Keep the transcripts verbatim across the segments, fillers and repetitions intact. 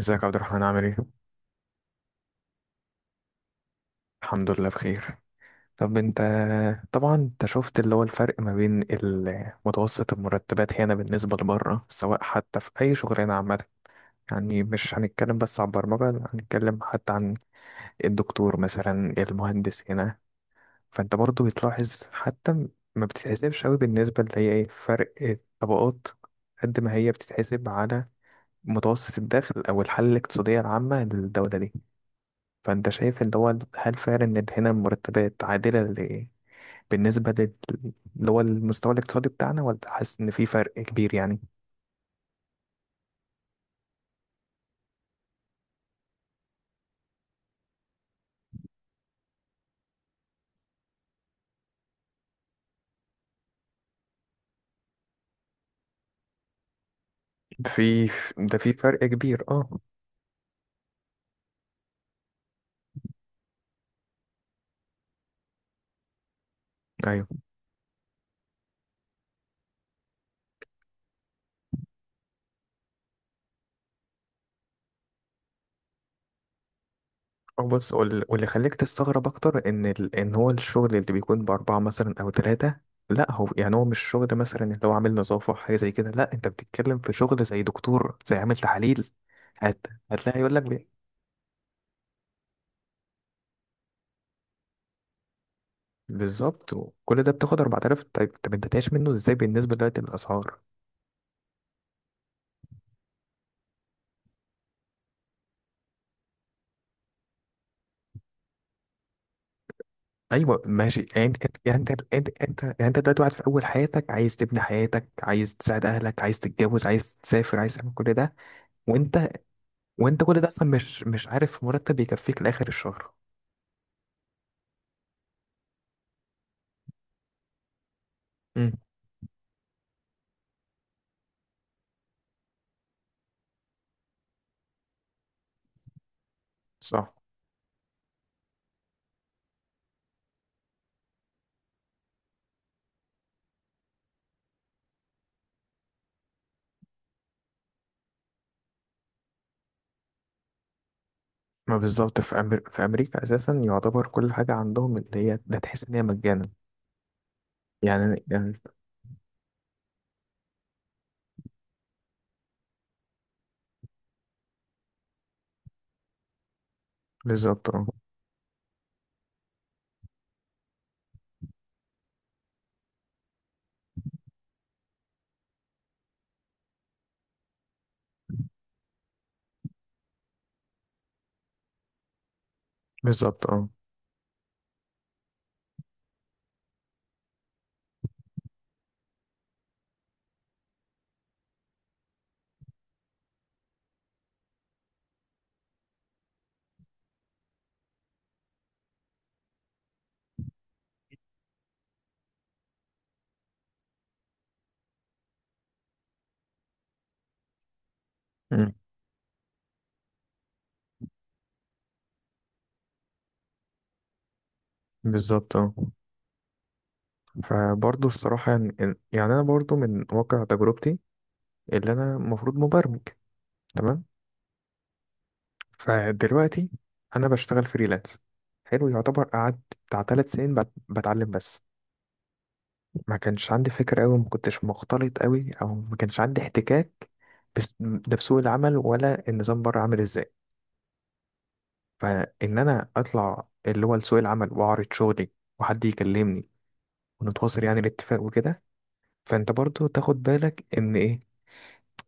ازيك يا عبد الرحمن؟ عامل ايه؟ الحمد لله بخير. طب انت؟ طبعا انت شفت اللي هو الفرق ما بين ال- متوسط المرتبات هنا بالنسبة لبره، سواء حتى في أي شغلانة عامة. يعني مش هنتكلم بس عن البرمجة، لا، هنتكلم حتى عن الدكتور مثلا، المهندس هنا. فانت برضو بتلاحظ حتى ما بتتحسبش قوي بالنسبة اللي هي ايه فرق الطبقات، قد ما هي بتتحسب على متوسط الدخل أو الحالة الاقتصادية العامة للدولة دي. فانت شايف اللي هو هل فعلا ان هنا المرتبات عادلة، ل- بالنسبة لل- اللي هو المستوى الاقتصادي بتاعنا، ولا حاسس ان في فرق كبير يعني؟ في ده في فرق كبير، اه. ايوه. أو بص، وال- واللي خليك تستغرب اكتر ان ال... ان هو الشغل اللي بيكون باربعة مثلا او ثلاثة، لا هو يعني هو مش شغل مثلا اللي هو عامل نظافة، حاجة زي كده، لا، انت بتتكلم في شغل زي دكتور، زي عامل تحاليل. هت... هتلاقي يقول لك بي- بالظبط. وكل ده بتاخد أربعة آلاف؟ طيب طب انت تعيش منه ازاي بالنسبة دلوقتي للأسعار؟ ايوه ماشي. يعني انت كت- يعني انت انت انت يعني انت دلوقتي واحد في اول حياتك، عايز تبني حياتك، عايز تساعد اهلك، عايز تتجوز، عايز تسافر، عايز تعمل كل ده. وانت وانت كل ده اصلا مش مش عارف مرتب يكفيك لاخر الشهر. امم. صح. ما بالظبط، في أمر... في امريكا اساسا يعتبر كل حاجه عندهم اللي هي ده تحس ان هي مجانا. يعني يعني بالظبط، اه. بالظبط، اه. أمم. بالظبط، اه. فبرضه الصراحه يعني يعني انا برضه من واقع تجربتي، اللي انا المفروض مبرمج، تمام. فدلوقتي انا بشتغل فريلانس، حلو يعتبر. قعدت بتاع ثلاث سنين بت- بتعلم بس، ما كانش عندي فكرة قوي، ما كنتش مختلط قوي، او ما كانش عندي احتكاك بس- ده بسوق العمل ولا النظام بره عامل ازاي. فان انا اطلع اللي هو لسوق العمل واعرض شغلي، وحد يكلمني ونتواصل يعني الاتفاق وكده. فانت برضو تاخد بالك ان ايه،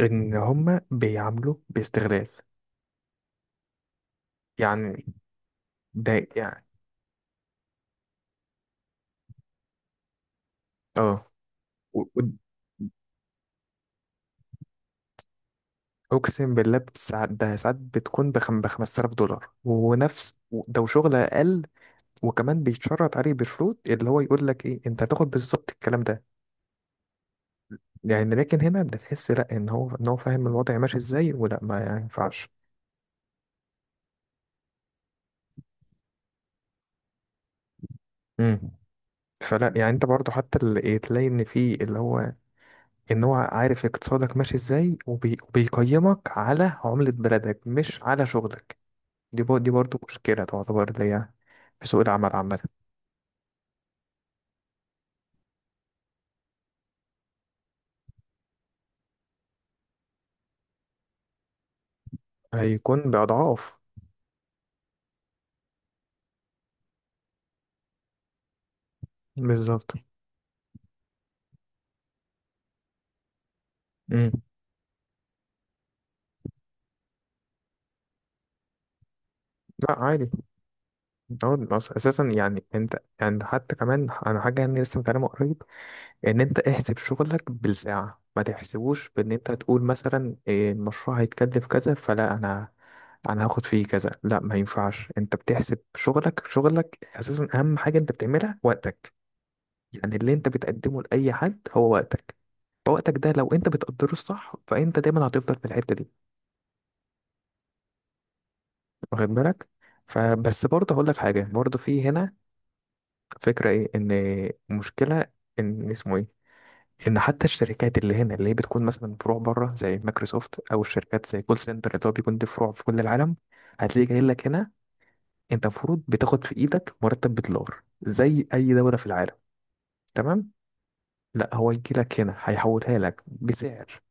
ان هما بيعاملوا باستغلال. يعني ده، يعني اه، اقسم بالله ساعات، ده ساعات بتكون بخم ب خمسة آلاف دولار ونفس ده، وشغل اقل. وكمان بيتشرط عليه بشروط، اللي هو يقول لك ايه، انت هتاخد بالظبط الكلام ده. يعني لكن هنا ده تحس لا ان هو ان هو فاهم الوضع ماشي ازاي ولا ما ينفعش. امم. فلا يعني انت برضو حتى اللي إيه، تلاقي ان في اللي هو ان هو عارف اقتصادك ماشي ازاي، وبي- وبيقيمك على عملة بلدك مش على شغلك. دي بر- دي برضو مشكلة تعتبر، اللي هي في سوق العمل عامة. هيكون بأضعاف. بالظبط. امم. لا عادي. هو أص- اساسا يعني انت، يعني حتى كمان انا حاجه يعني لسه متعلمه قريب، ان انت احسب شغلك بالساعه، ما تحسبوش بان انت تقول مثلا إيه المشروع هيتكلف كذا، فلا، انا انا هاخد فيه كذا، لا ما ينفعش. انت بتحسب شغلك، شغلك اساسا اهم حاجه انت بتعملها وقتك. يعني اللي انت بتقدمه لاي حد هو وقتك. فوقتك ده لو انت بتقدره الصح، فانت دايما هتفضل في الحته دي. واخد بالك. فبس برضه هقول لك حاجه، برضه في هنا فكرة ايه، ان المشكلة، ان اسمه ايه، ان حتى الشركات اللي هنا، اللي هي بتكون مثلا فروع بره زي مايكروسوفت، او الشركات زي كول سنتر اللي هو بيكون دي فروع في كل العالم، هتلاقي جاي لك هنا. انت المفروض بتاخد في ايدك مرتب بدولار زي اي دولة في العالم، تمام؟ لا، هو يجي لك هنا، هيحولها لك بسعر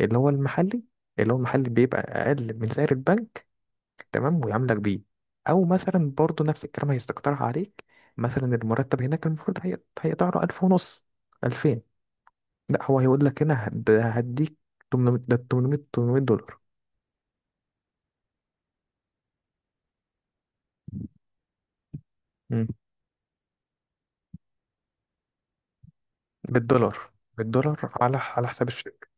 اللي هو المحلي، اللي هو المحلي بيبقى اقل من سعر البنك، تمام، ويعاملك بيه. او مثلا برضو نفس الكلام هيستقطرها عليك، مثلا المرتب هناك المفروض هي... هيقدر ألف ونص، ألفين، لا هو هيقول لك هنا هد... هديك تمنمية، ده تمنمية، تمنمية دولار. مم. بالدولار. بالدولار، على على حساب الشركة،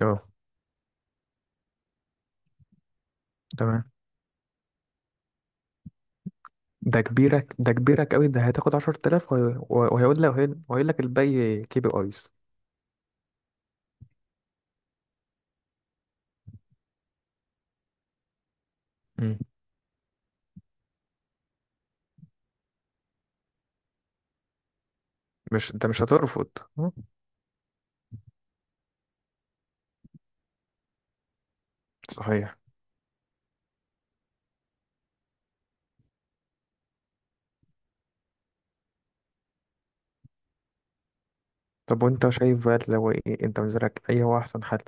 اه. تمام. ده كبيرك، ده كبيرك قوي، ده هتاخد عشر تلاف وهي- وهيقول لك، وهيقول لك الباقي كي بي ايز. مم. مش انت مش هترفض. أه. صحيح. طب وانت شايف بقى، لو ايه انت بالنسبه لك ايه هو احسن حل؟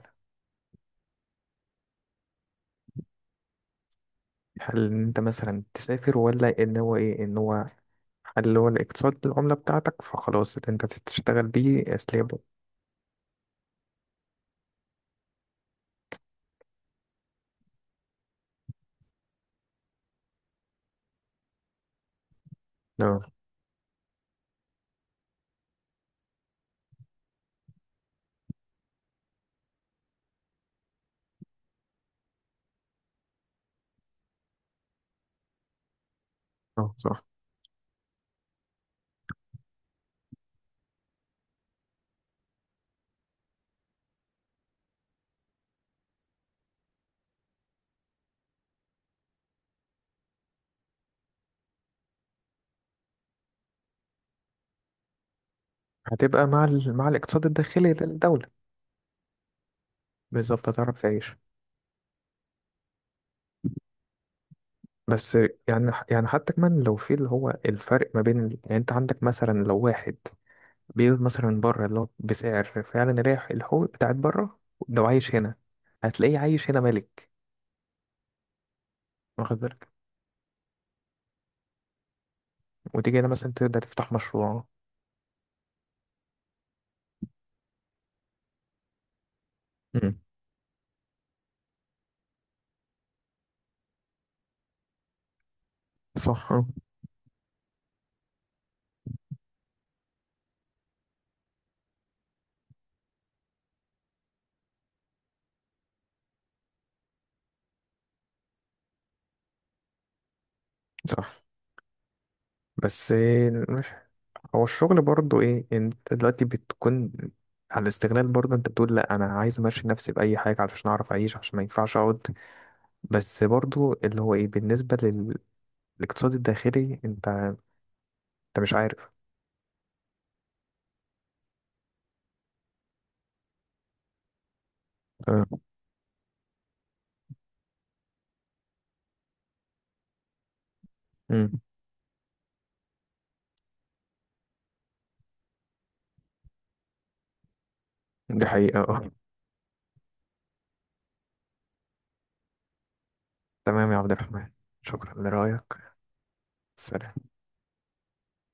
هل إن انت مثلا تسافر، ولا ان هو ايه ان هو، هل هو الاقتصاد، العملة بتاعتك، فخلاص اللي انت تشتغل بيه اسلام؟ لا. اه، صح. هتبقى مع ال... مع الاقتصاد الداخلي للدولة. بالظبط، هتعرف تعيش. بس يعني يعني حتى كمان لو في اللي هو الفرق ما بين ال- يعني انت عندك مثلا لو واحد بيقول مثلا بره اللي هو بسعر فعلا رايح الحقوق بتاعت بره، لو عايش هنا هتلاقيه عايش هنا ملك. واخد بالك. وتيجي هنا مثلا تبدأ تفتح مشروع. مم. صح، اه. صح. بس إيه، مش هو الشغل برضه ايه؟ انت دلوقتي بتكون على الاستغلال، برضه انت بتقول لا، انا عايز امشي نفسي باي حاجه علشان اعرف اعيش، عشان ما ينفعش اقعد. بس برضه اللي هو ايه، بالنسبه لل- للاقتصاد الداخلي، انت انت مش عارف. اه. امم. دي حقيقه، اه. تمام يا عبد الرحمن، شكرا لرايك. سلام.